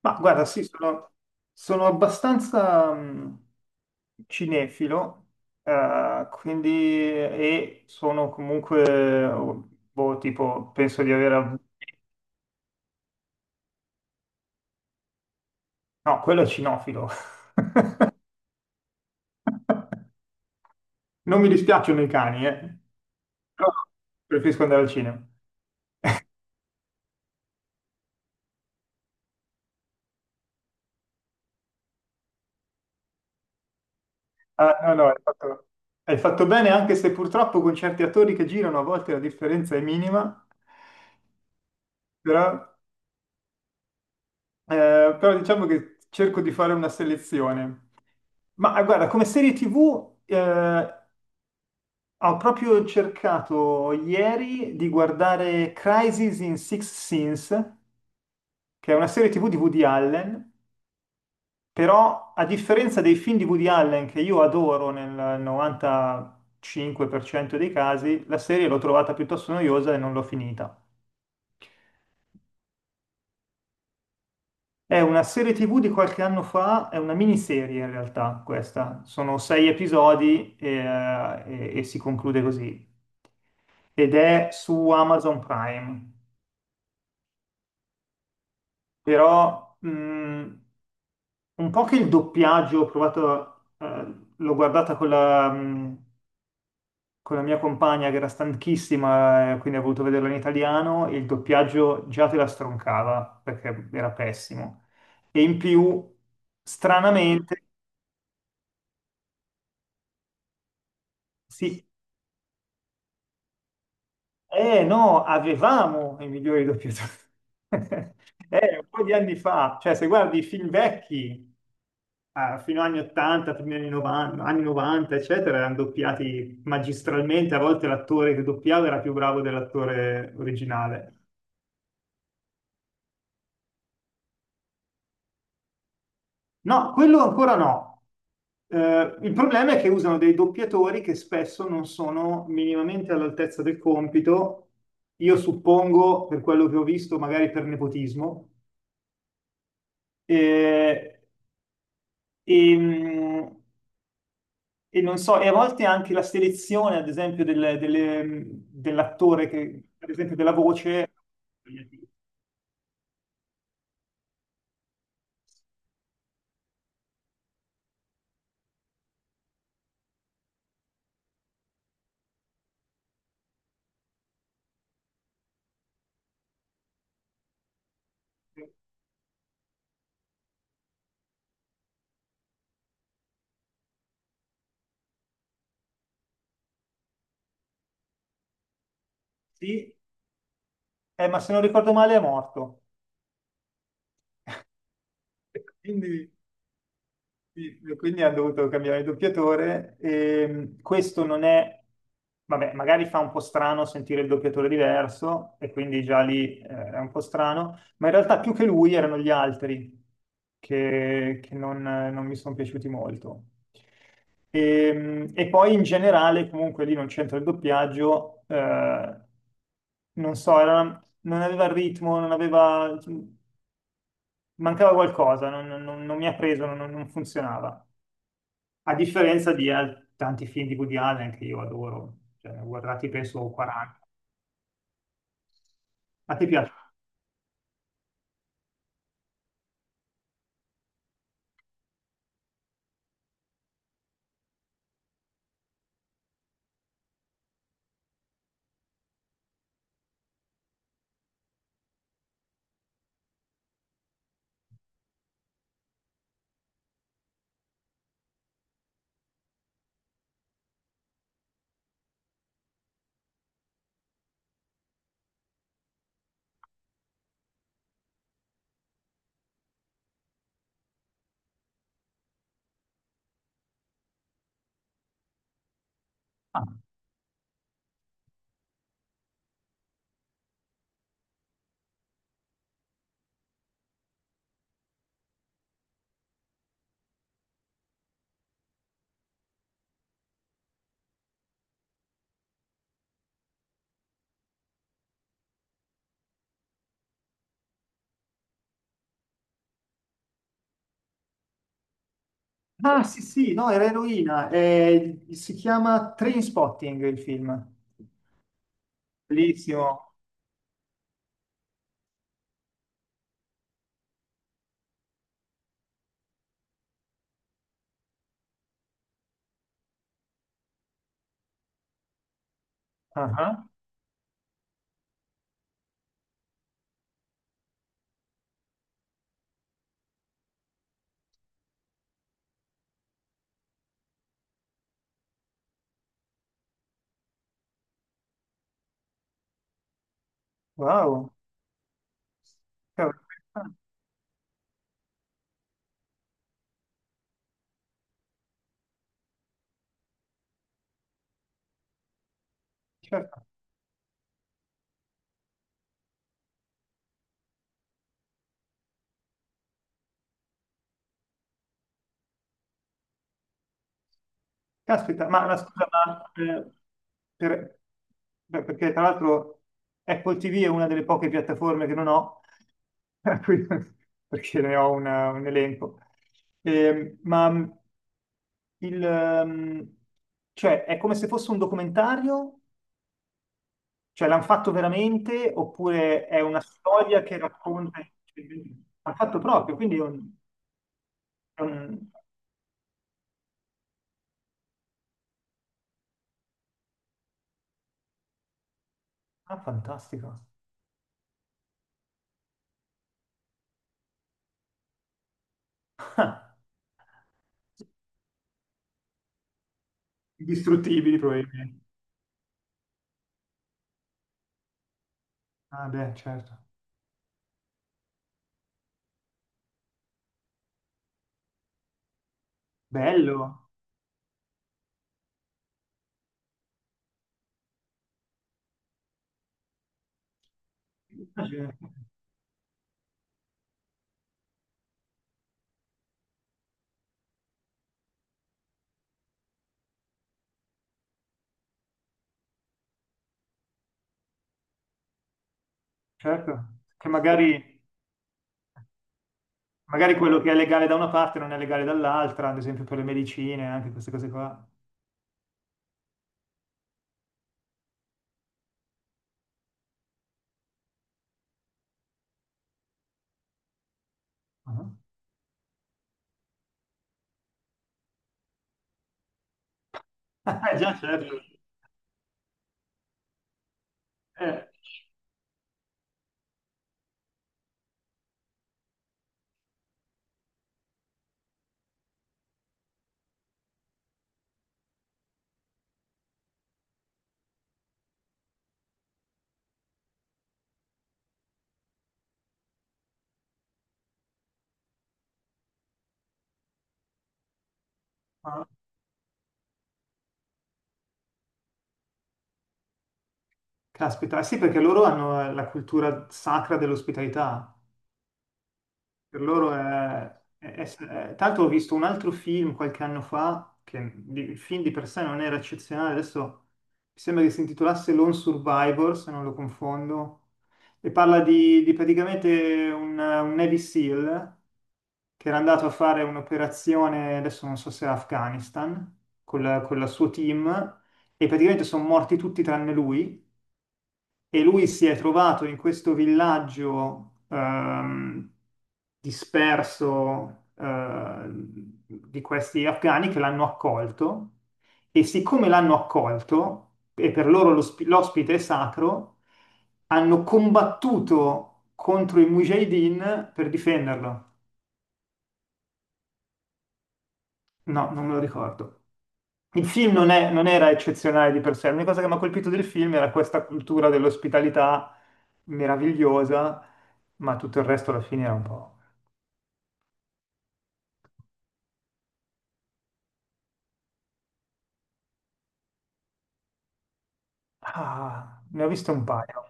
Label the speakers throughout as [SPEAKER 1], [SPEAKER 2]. [SPEAKER 1] Ma guarda, sì, sono abbastanza cinefilo, quindi e sono comunque, boh, tipo, penso di aver. No, quello è cinofilo. Non mi dispiacciono i cani, eh. Però preferisco andare al cinema. Ah, no, no, hai fatto bene, anche se purtroppo con certi attori che girano a volte la differenza è minima, però, diciamo che cerco di fare una selezione. Ma guarda, come serie TV ho proprio cercato ieri di guardare Crisis in Six Sins, che è una serie TV di Woody Allen, però a differenza dei film di Woody Allen che io adoro nel 95% dei casi, la serie l'ho trovata piuttosto noiosa e non l'ho finita. È una serie TV di qualche anno fa, è una miniserie in realtà questa, sono sei episodi e si conclude così. Ed è su Amazon Prime, però un po' che il doppiaggio ho provato, l'ho guardata con con la mia compagna che era stanchissima, quindi ha voluto vederla in italiano e il doppiaggio già te la stroncava perché era pessimo. E in più, stranamente, sì, eh no, avevamo i migliori doppiatori. Un po' di anni fa, cioè se guardi i film vecchi, fino agli anni 80, primi anni 90, anni 90, eccetera, erano doppiati magistralmente, a volte l'attore che doppiava era più bravo dell'attore originale. No, quello ancora no. Il problema è che usano dei doppiatori che spesso non sono minimamente all'altezza del compito, io suppongo, per quello che ho visto, magari per nepotismo. E E, mh, e non so, e a volte anche la selezione, ad esempio, dell'attore, che, ad esempio della voce, sì, ma se non ricordo male è morto. Quindi Quindi hanno dovuto cambiare il doppiatore. E questo non è, vabbè, magari fa un po' strano sentire il doppiatore diverso, e quindi già lì è un po' strano, ma in realtà più che lui erano gli altri che non mi sono piaciuti molto. E poi in generale, comunque lì non c'entra il doppiaggio, non so, non aveva il ritmo, non aveva, cioè, mancava qualcosa, non mi ha preso, non funzionava. A differenza di tanti film di Woody Allen che io adoro, cioè, ne ho guardati penso 40. A te piace? Ah, ah, sì, sì, no, era eroina. Si chiama Trainspotting il film. Bellissimo. Ah, wow. Cavolo. Ah, certo. Caspita, ma scusa, ma per- beh, perché tra l'altro Apple TV è una delle poche piattaforme che non ho, per cui- perché ne ho un elenco. Ma Il, ehm, cioè, è come se fosse un documentario? Cioè, l'hanno fatto veramente? Oppure è una storia che racconta? L'hanno fatto proprio, quindi è un- Ah, fantastico. Ah, indistruttibili, probabilmente. Ah, beh, certo. Bello. Certo. Che magari quello che è legale da una parte non è legale dall'altra, ad esempio per le medicine, anche queste cose qua. Ah, già, certo. Eh. Ah, caspita, eh sì, perché loro hanno la cultura sacra dell'ospitalità. Per loro. Tanto ho visto un altro film qualche anno fa, il film di per sé non era eccezionale, adesso mi sembra che si intitolasse Lone Survivor, se non lo confondo, e parla di praticamente un Navy SEAL che era andato a fare un'operazione, adesso non so se era Afghanistan, con il suo team, e praticamente sono morti tutti tranne lui e lui si è trovato in questo villaggio disperso di questi afghani che l'hanno accolto e siccome l'hanno accolto e per loro l'ospite è sacro, hanno combattuto contro i mujahideen per difenderlo. No, non me lo ricordo. Il film non era eccezionale di per sé, l'unica cosa che mi ha colpito del film era questa cultura dell'ospitalità meravigliosa, ma tutto il resto alla fine era un po'. Ah, ne ho visto un paio.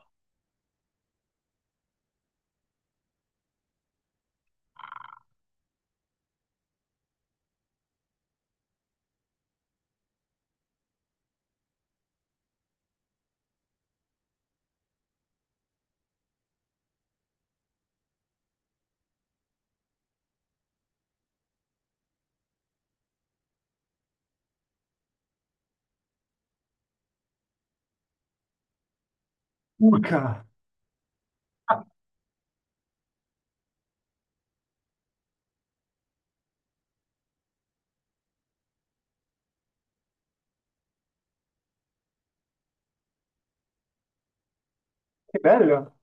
[SPEAKER 1] Urca! Ah, che bello!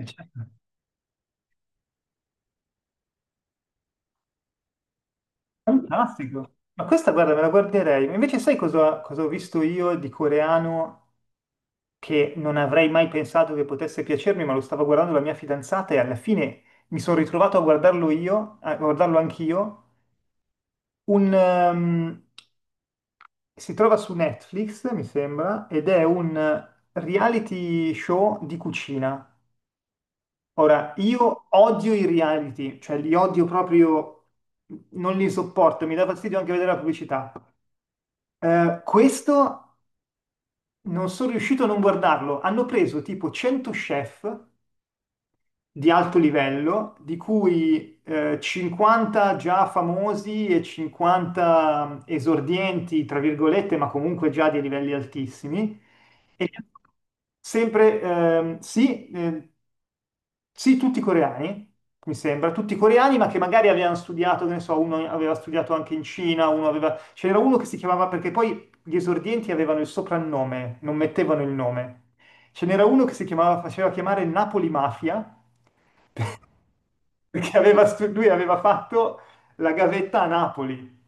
[SPEAKER 1] E certo. Fantastico! Ma questa, guarda, me la guarderei. Ma invece sai cosa ho visto io di coreano che non avrei mai pensato che potesse piacermi, ma lo stava guardando la mia fidanzata e alla fine mi sono ritrovato a guardarlo io, a guardarlo anch'io. un, ehm, si trova su Netflix, mi sembra, ed è un reality show di cucina. Ora, io odio i reality, cioè li odio proprio, non li sopporto, mi dà fastidio anche vedere la pubblicità. Questo non sono riuscito a non guardarlo. Hanno preso tipo 100 chef di alto livello, di cui 50 già famosi e 50 esordienti, tra virgolette, ma comunque già di livelli altissimi. E sì, sì, tutti coreani, mi sembra, tutti coreani, ma che magari avevano studiato, che ne so, uno aveva studiato anche in Cina, uno aveva. C'era uno che si chiamava, perché poi gli esordienti avevano il soprannome, non mettevano il nome. Ce n'era uno che si chiamava, faceva chiamare Napoli Mafia, perché lui aveva fatto la gavetta a Napoli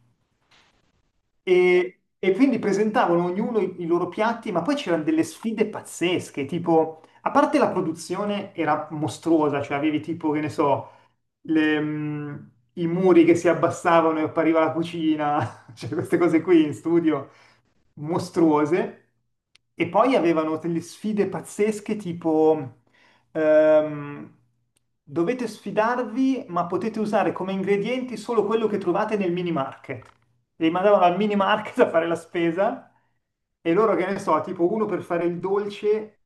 [SPEAKER 1] e quindi presentavano ognuno i loro piatti, ma poi c'erano delle sfide pazzesche, tipo, a parte la produzione era mostruosa, cioè avevi tipo, che ne so, le, mm, i muri che si abbassavano e appariva la cucina, cioè queste cose qui in studio mostruose e poi avevano delle sfide pazzesche tipo ehm, dovete sfidarvi ma potete usare come ingredienti solo quello che trovate nel mini market. E li mandavano al mini market a fare la spesa e loro che ne so, tipo uno per fare il dolce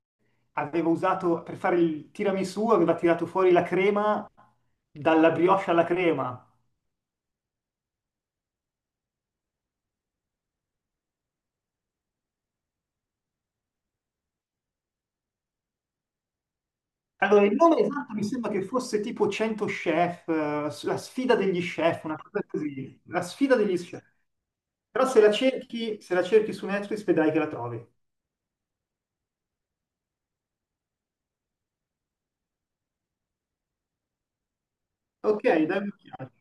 [SPEAKER 1] aveva usato per fare il tiramisù, aveva tirato fuori la crema dalla brioche alla crema. Allora, il nome esatto mi sembra che fosse tipo 100 chef, la sfida degli chef, una cosa così, la sfida degli chef. Però se la cerchi su Netflix vedrai che la trovi. Ok, dai un'occhiata.